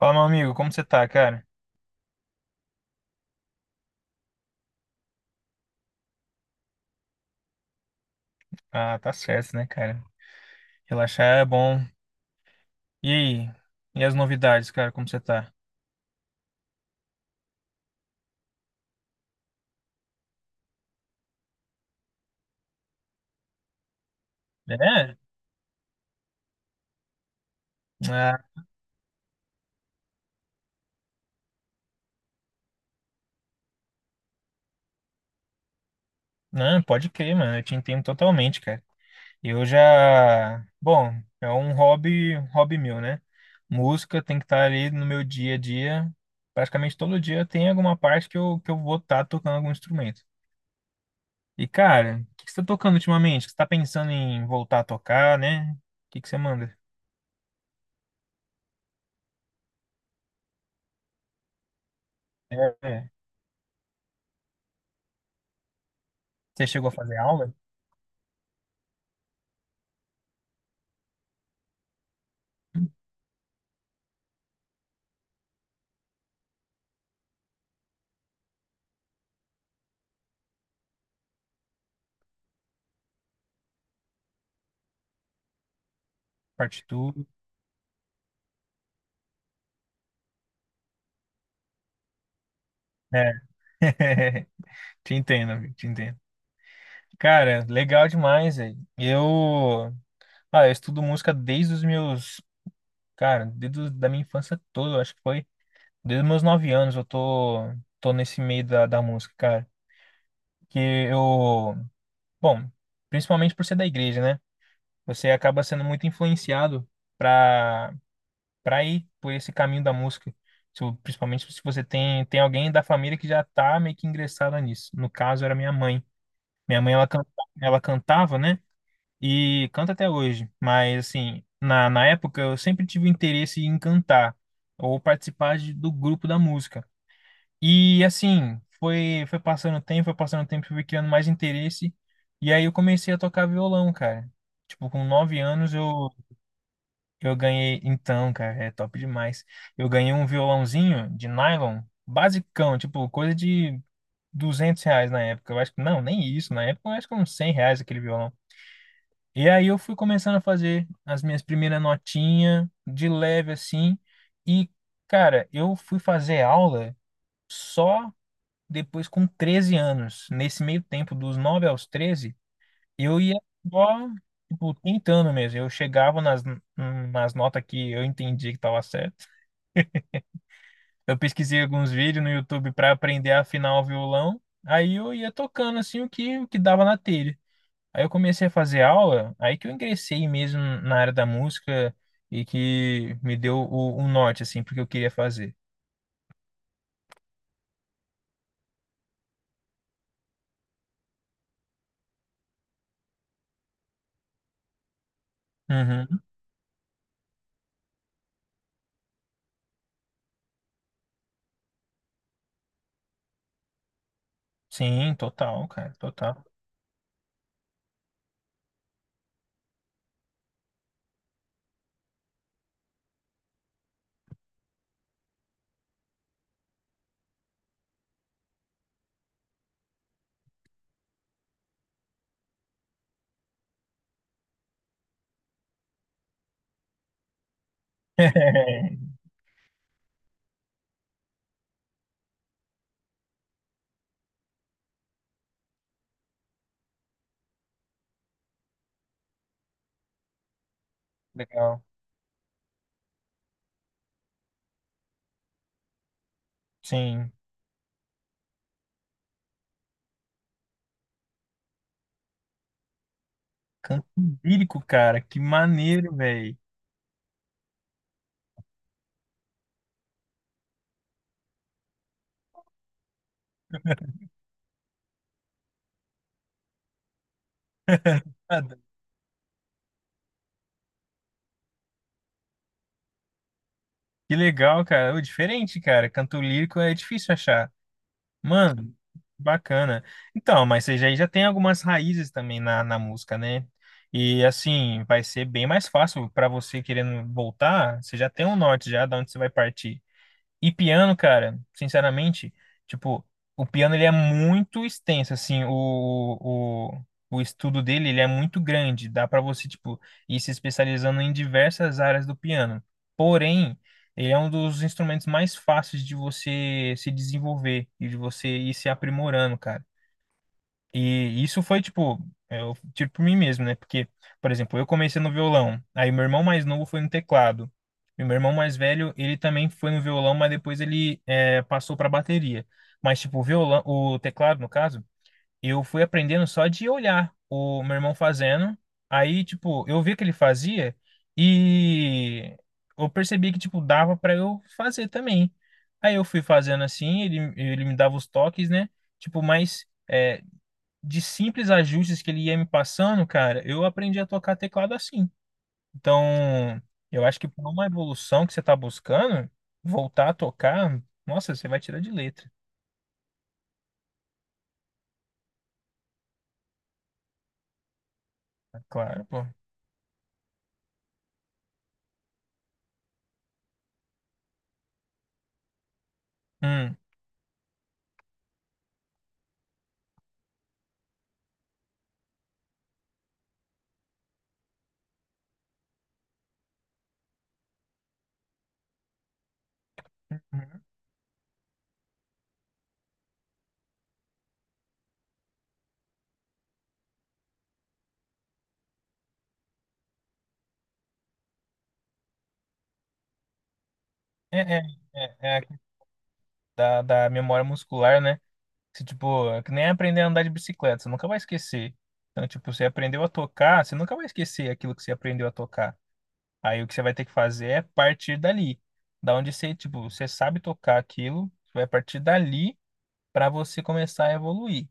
Fala, meu amigo, como você tá, cara? Ah, tá certo, né, cara? Relaxar é bom. E aí? E as novidades, cara, como você tá? É? Ah, não, pode crer, mano. Eu te entendo totalmente, cara. Eu já. Bom, é um hobby meu, né? Música tem que estar ali no meu dia a dia. Praticamente todo dia tem alguma parte que eu vou estar tocando algum instrumento. E, cara, o que que você tá tocando ultimamente? Você tá pensando em voltar a tocar, né? O que que você manda? É. é. Você chegou a fazer aula? Partitura. É. Te entendo, amigo, te entendo. Cara, legal demais, velho. Eu estudo música desde os meus, cara, desde os- da minha infância toda, eu acho que foi. Desde os meus nove anos eu tô nesse meio da música, cara. Que eu, bom, principalmente por ser da igreja, né? Você acaba sendo muito influenciado pra, pra ir por esse caminho da música. Se eu- Principalmente se você tem alguém da família que já tá meio que ingressado nisso. No caso, era minha mãe. Minha mãe, ela, canta, ela cantava, né? E canta até hoje. Mas, assim, na época eu sempre tive interesse em cantar ou participar do grupo da música. E, assim, foi passando o tempo, foi passando o tempo, fui criando mais interesse. E aí eu comecei a tocar violão, cara. Tipo, com nove anos eu ganhei. Então, cara, é top demais. Eu ganhei um violãozinho de nylon, basicão, tipo, coisa de R$ 200 na época. Eu acho que, não, nem isso. Na época eu acho que uns R$ 100 aquele violão. E aí eu fui começando a fazer as minhas primeiras notinhas, de leve assim. E, cara, eu fui fazer aula só depois com 13 anos. Nesse meio tempo, dos 9 aos 13 eu ia só, tipo, tentando mesmo. Eu chegava nas notas que eu entendia que estava certo. Eu pesquisei alguns vídeos no YouTube para aprender a afinar o violão. Aí eu ia tocando assim o que dava na telha. Aí eu comecei a fazer aula, aí que eu ingressei mesmo na área da música e que me deu o norte, assim, porque eu queria fazer. Uhum. Sim, total, cara, total. Legal. Sim. Canto lírico, cara, que maneiro, velho. Que legal, cara. Ô, diferente, cara. Canto lírico é difícil achar. Mano, bacana. Então, mas você já tem algumas raízes também na música, né? E assim, vai ser bem mais fácil para você querendo voltar. Você já tem um norte já de onde você vai partir. E piano, cara, sinceramente, tipo, o piano ele é muito extenso, assim, o, o estudo dele ele é muito grande, dá pra você, tipo, ir se especializando em diversas áreas do piano. Porém, ele é um dos instrumentos mais fáceis de você se desenvolver e de você ir se aprimorando, cara. E isso foi, tipo, é, eu tiro por mim mesmo, né? Porque, por exemplo, eu comecei no violão, aí meu irmão mais novo foi no teclado. E meu irmão mais velho, ele também foi no violão, mas depois ele passou para bateria. Mas, tipo, o violão, o teclado, no caso, eu fui aprendendo só de olhar o meu irmão fazendo. Aí, tipo, eu vi que ele fazia e eu percebi que, tipo, dava para eu fazer também. Aí eu fui fazendo assim, ele me dava os toques, né? Tipo, mas. É, de simples ajustes que ele ia me passando, cara, eu aprendi a tocar teclado assim. Então, eu acho que por uma evolução que você tá buscando, voltar a tocar, nossa, você vai tirar de letra. É Claro, pô. Hum. Uhum. É, é, é, é a- Da, da memória muscular, né? Você, tipo, é que nem aprender a andar de bicicleta, você nunca vai esquecer. Então, tipo, você aprendeu a tocar, você nunca vai esquecer aquilo que você aprendeu a tocar. Aí o que você vai ter que fazer é partir dali. Da onde você, tipo, você sabe tocar aquilo, você vai partir dali para você começar a evoluir.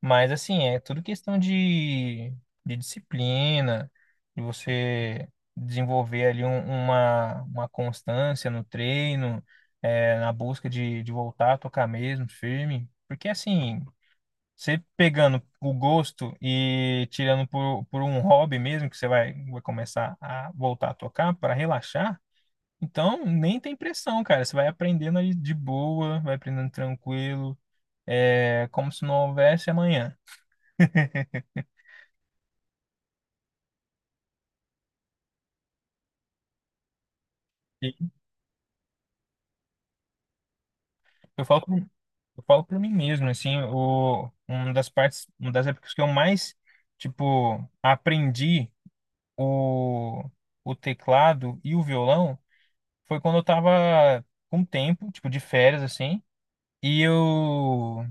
Mas assim, é tudo questão de disciplina, de você desenvolver ali uma constância no treino, é, na busca de voltar a tocar mesmo, firme. Porque assim, você pegando o gosto e tirando por um hobby mesmo, que você vai começar a voltar a tocar para relaxar, então nem tem pressão, cara. Você vai aprendendo ali de boa, vai aprendendo tranquilo, é como se não houvesse amanhã. E eu eu falo para mim mesmo, assim, o, uma das partes, uma das épocas que eu mais, tipo, aprendi o, o teclado e o violão foi quando eu tava com tempo, tipo, de férias, assim. E eu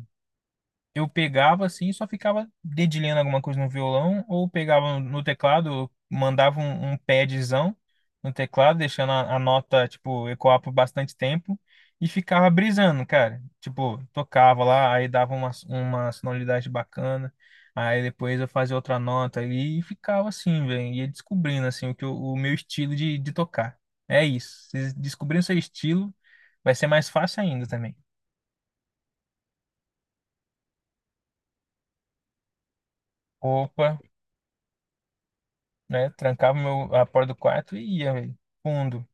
eu pegava assim, e só ficava dedilhando alguma coisa no violão, ou pegava no teclado, mandava um padzão no teclado, deixando a nota, tipo, ecoar por bastante tempo, e ficava brisando, cara. Tipo, tocava lá, aí dava uma sonoridade bacana, aí depois eu fazia outra nota ali, e ficava assim, velho, ia descobrindo, assim, o meu estilo de tocar. É isso, vocês descobrindo seu estilo, vai ser mais fácil ainda também. Opa, né? Trancava a porta do quarto e ia, velho. Fundo.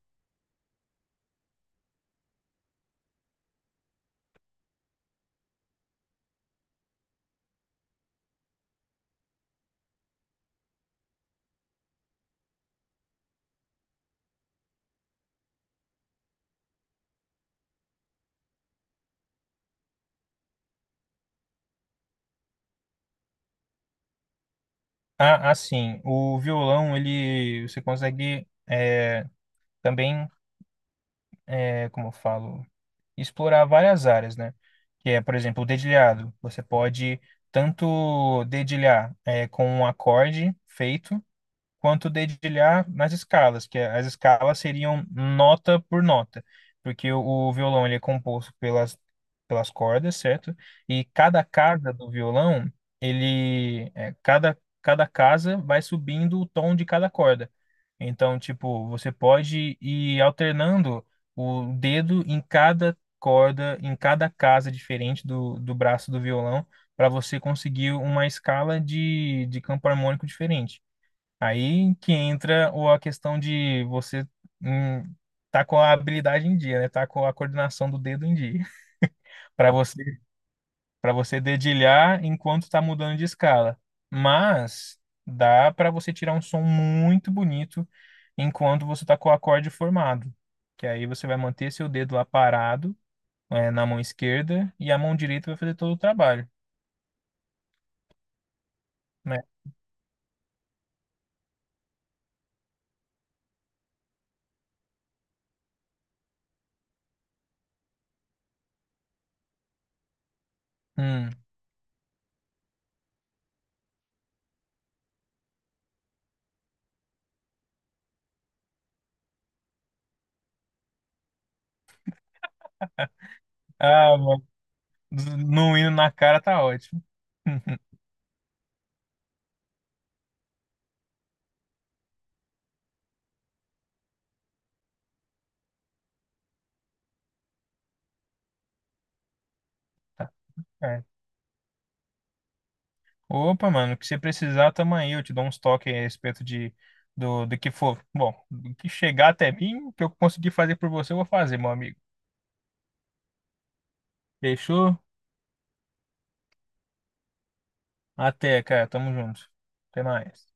Ah, assim, o violão, ele, você consegue é, também, é, como eu falo, explorar várias áreas, né? Que é, por exemplo, o dedilhado. Você pode tanto dedilhar é, com um acorde feito, quanto dedilhar nas escalas, que as escalas seriam nota por nota, porque o violão ele é composto pelas, pelas cordas, certo? E cada casa do violão, ele é, cada casa vai subindo o tom de cada corda. Então, tipo, você pode ir alternando o dedo em cada corda, em cada casa diferente do braço do violão, para você conseguir uma escala de campo harmônico diferente. Aí que entra a questão de você hum, tá com a habilidade em dia, né? Tá com a coordenação do dedo em dia, para você para você dedilhar enquanto tá mudando de escala. Mas dá para você tirar um som muito bonito enquanto você tá com o acorde formado, que aí você vai manter seu dedo lá parado, é, na mão esquerda e a mão direita vai fazer todo o trabalho, né? Hum. Ah, mano, no hino na cara tá ótimo. Opa, mano, o que você precisar, tamo aí. Eu te dou uns toques a respeito do, do que for. Bom, do que chegar até mim, o que eu conseguir fazer por você, eu vou fazer, meu amigo. Fechou? Até, cara. Tamo junto. Até mais.